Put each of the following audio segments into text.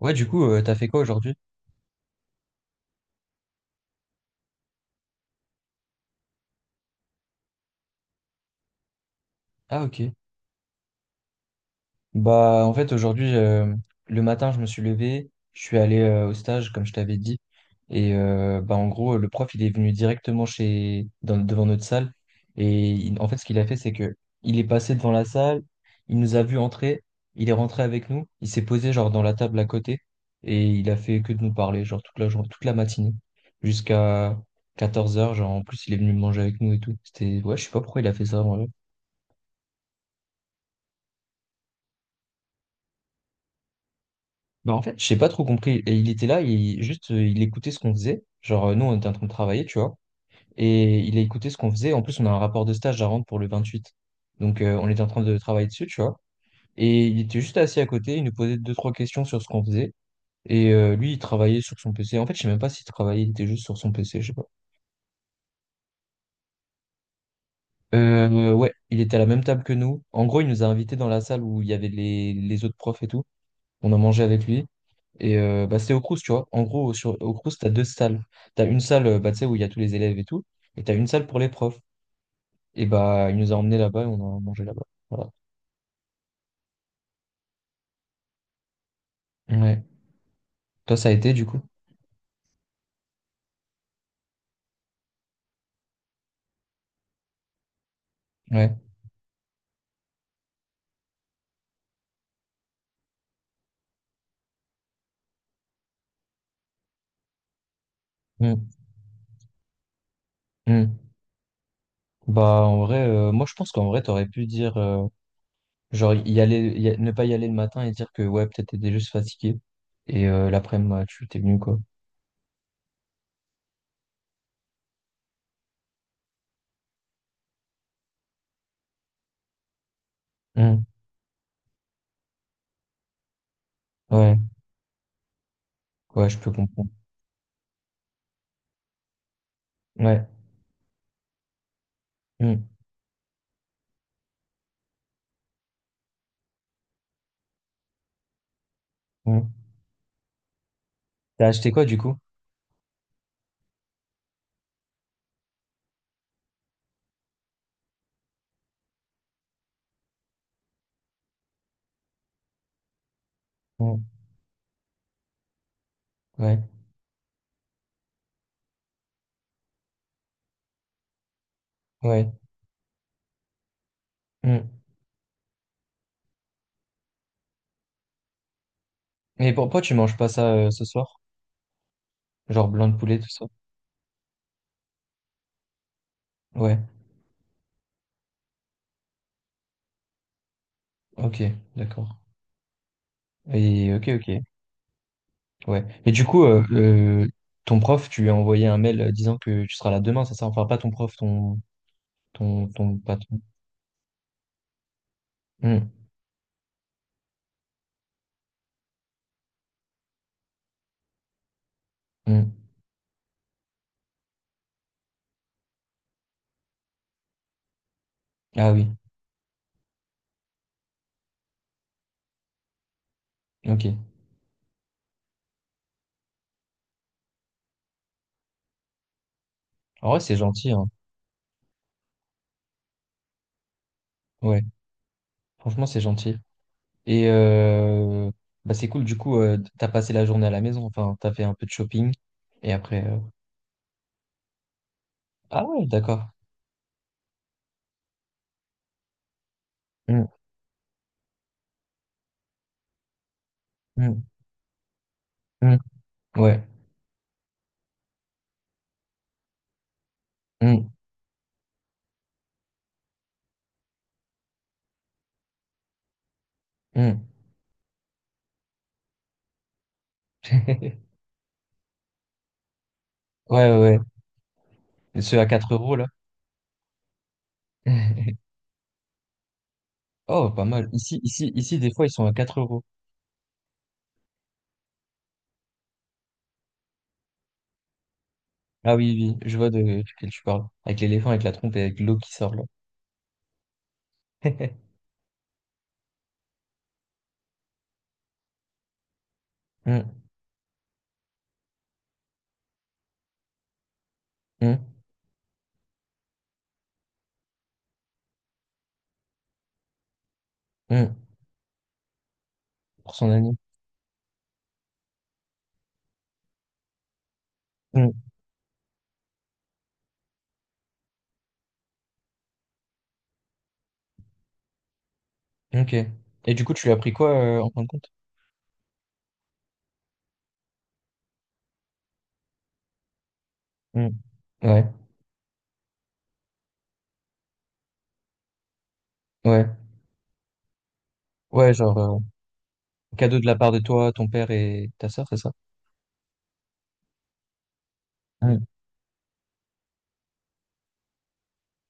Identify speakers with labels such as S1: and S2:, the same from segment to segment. S1: Ouais, du coup, t'as fait quoi aujourd'hui? Ah, ok. Bah, en fait, aujourd'hui, le matin, je me suis levé, je suis allé au stage, comme je t'avais dit. Et bah, en gros, le prof, il est venu directement devant notre salle. En fait, ce qu'il a fait, c'est que il est passé devant la salle, il nous a vu entrer, il est rentré avec nous, il s'est posé, genre, dans la table à côté. Et il a fait que de nous parler, genre, toute la journée, toute la matinée, jusqu'à 14 heures. Genre, en plus, il est venu manger avec nous et tout. C'était, ouais, je sais pas pourquoi il a fait ça. Bah, en fait, j'ai pas trop compris. Et il était là, juste, il écoutait ce qu'on faisait. Genre, nous, on était en train de travailler, tu vois. Et il a écouté ce qu'on faisait. En plus, on a un rapport de stage à rendre pour le 28. Donc, on était en train de travailler dessus, tu vois. Et il était juste assis à côté, il nous posait deux, trois questions sur ce qu'on faisait. Et lui, il travaillait sur son PC. En fait, je sais même pas s'il travaillait, il était juste sur son PC, je sais pas. Ouais, il était à la même table que nous. En gros, il nous a invités dans la salle où il y avait les autres profs et tout. On a mangé avec lui. Et bah, c'était au Crous, tu vois. En gros, sur, au Crous, t'as deux salles. T'as une salle bah, tu sais, où il y a tous les élèves et tout, et t'as une salle pour les profs. Et bah, il nous a emmenés là-bas et on a mangé là-bas. Voilà. Ouais. Toi, ça a été du coup? Ouais. Mm. Mm. Bah, en vrai, moi, je pense qu'en vrai, t'aurais pu dire, genre, y aller, ne pas y aller le matin et dire que, ouais, peut-être t'étais juste fatigué. Et l'après-midi, ouais, tu t'es venu, quoi. Mm. Ouais. Ouais, je peux comprendre. Ouais. Mm. Mm. T'as acheté quoi, du coup? Mm. Ouais. Ouais. Mmh. Mais pourquoi tu manges pas ça ce soir? Genre blanc de poulet, tout ça? Ouais, ok, d'accord. Et ok, ok, ouais. Et du coup, ton prof, tu lui as envoyé un mail disant que tu seras là demain, c'est ça? Enfin, pas ton prof, ton patron. Hmm, hmm. Ah oui, ok. En vrai, c'est gentil, hein. Ouais, franchement, c'est gentil. Et bah, c'est cool, du coup, t'as passé la journée à la maison, enfin, t'as fait un peu de shopping, et après. Ah ouais, d'accord. Hmm, hmm, hmm. Ouais. Hmm, hmm. Ouais, ouais, et ceux à 4 euros, là. Oh, pas mal. Ici, ici, ici, des fois, ils sont à 4 euros. Ah oui, oui, oui, je vois de quel tu parles. Avec l'éléphant, avec la trompe et avec l'eau qui sort, là. Hum, hum, hum. Pour son ami. Hum, ok. Et du coup, tu lui as pris quoi, en fin de compte? Hum. Ouais, ouais. Ouais, genre, cadeau de la part de toi, ton père et ta sœur, c'est ça? Hum,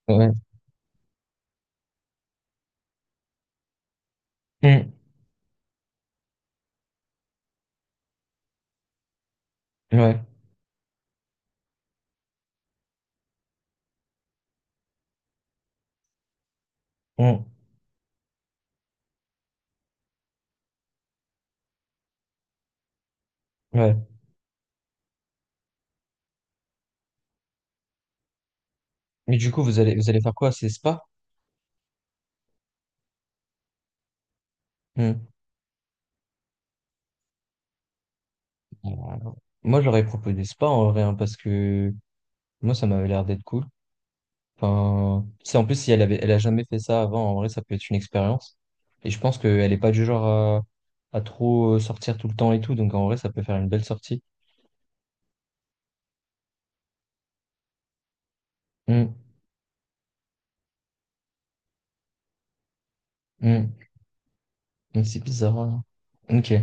S1: Ouais. Hum, ouais. Hum, ouais. Mais du coup, vous allez faire quoi? C'est spa? Hum. Euh, Moi, je leur ai proposé spa, en vrai, hein, parce que moi, ça m'avait l'air d'être cool. Enfin, tu sais, en plus, si elle avait, elle a jamais fait ça avant, en vrai, ça peut être une expérience. Et je pense qu'elle est pas du genre à, trop sortir tout le temps et tout. Donc, en vrai, ça peut faire une belle sortie. Hmm, hmm. Hmm, c'est bizarre, hein. Ok.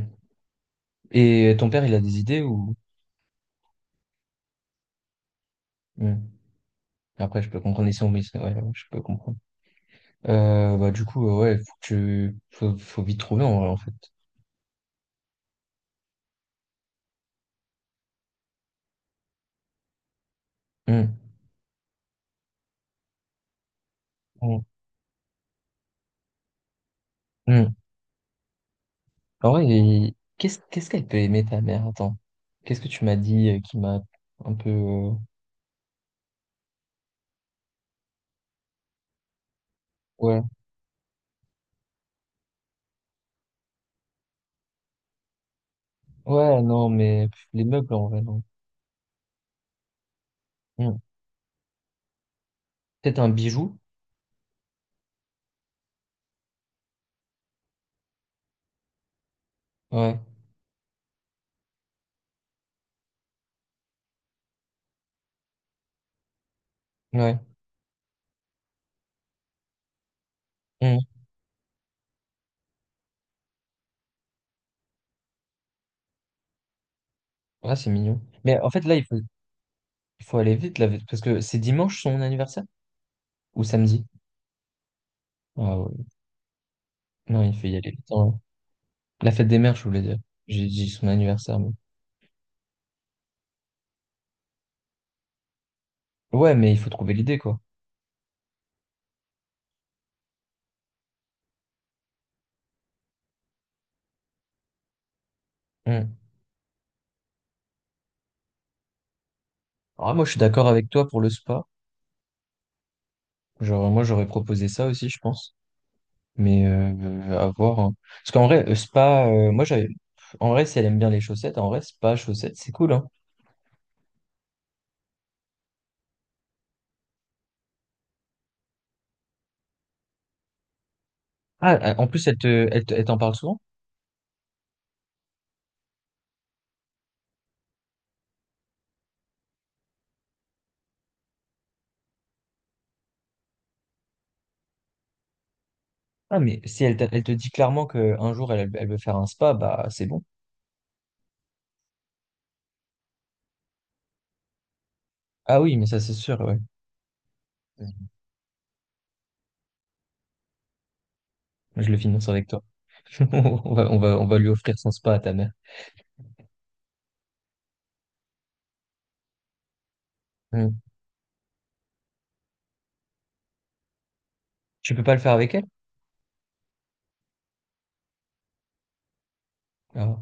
S1: Et ton père, il a des idées ou. Hmm. Après, je peux comprendre ici, oui, ouais, ouais, je peux comprendre. Bah, du coup, ouais, faut que tu, faut vite trouver, en vrai, en fait. Hmm, hmm, hmm. En vrai, qu'est-ce qu'elle peut aimer, ta mère? Attends. Qu'est-ce que tu m'as dit qui m'a un peu. Ouais. Ouais, non, mais pff, les meubles, en vrai, non. Hmm. Peut-être un bijou. Ouais, ouais. Hmm. Ouais, c'est mignon. Mais en fait, là, il faut aller vite, là, parce que c'est dimanche son anniversaire? Ou samedi? Ah ouais. Non, il faut y aller vite, hein. La fête des mères, je voulais dire. J'ai dit son anniversaire, mais. Ouais, mais il faut trouver l'idée, quoi. Hmm. Ah, moi, je suis d'accord avec toi pour le spa. Genre, moi, j'aurais proposé ça aussi, je pense. Mais à voir, hein. Parce qu'en vrai, spa, moi, j'avais. En vrai, si elle aime bien les chaussettes, en vrai, spa, chaussettes, c'est cool, hein. Ah, en plus, elle t'en parle souvent? Ah, mais si elle te dit clairement qu'un jour, elle veut faire un spa, bah, c'est bon. Ah oui, mais ça, c'est sûr, ouais. Je le finance avec toi. On va lui offrir son spa à ta mère. Hmm. Tu peux pas le faire avec elle? Ah.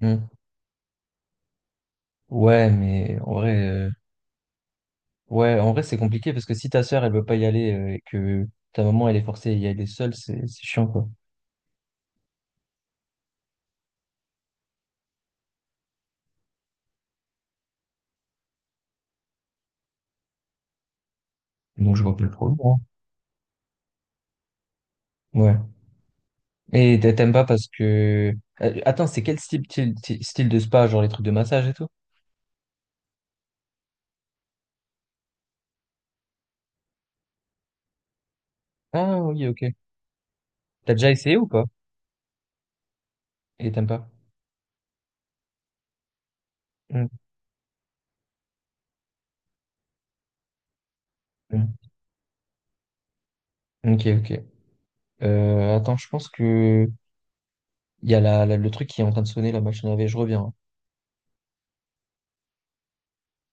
S1: Hmm. Ouais, mais en vrai, ouais, en vrai, c'est compliqué parce que si ta sœur, elle veut pas y aller et que ta maman, elle est forcée à y aller seule, c'est chiant, quoi. Donc, je vois plus le problème, hein. Ouais. Et t'aimes pas parce que. Attends, c'est quel style, de spa, genre les trucs de massage et tout? Ah oui, ok. T'as déjà essayé ou pas? Et t'aimes pas? Mm. Mm. Ok, ok. Attends, je pense que il y a la, le truc qui est en train de sonner, la machine à laver, je reviens, hein.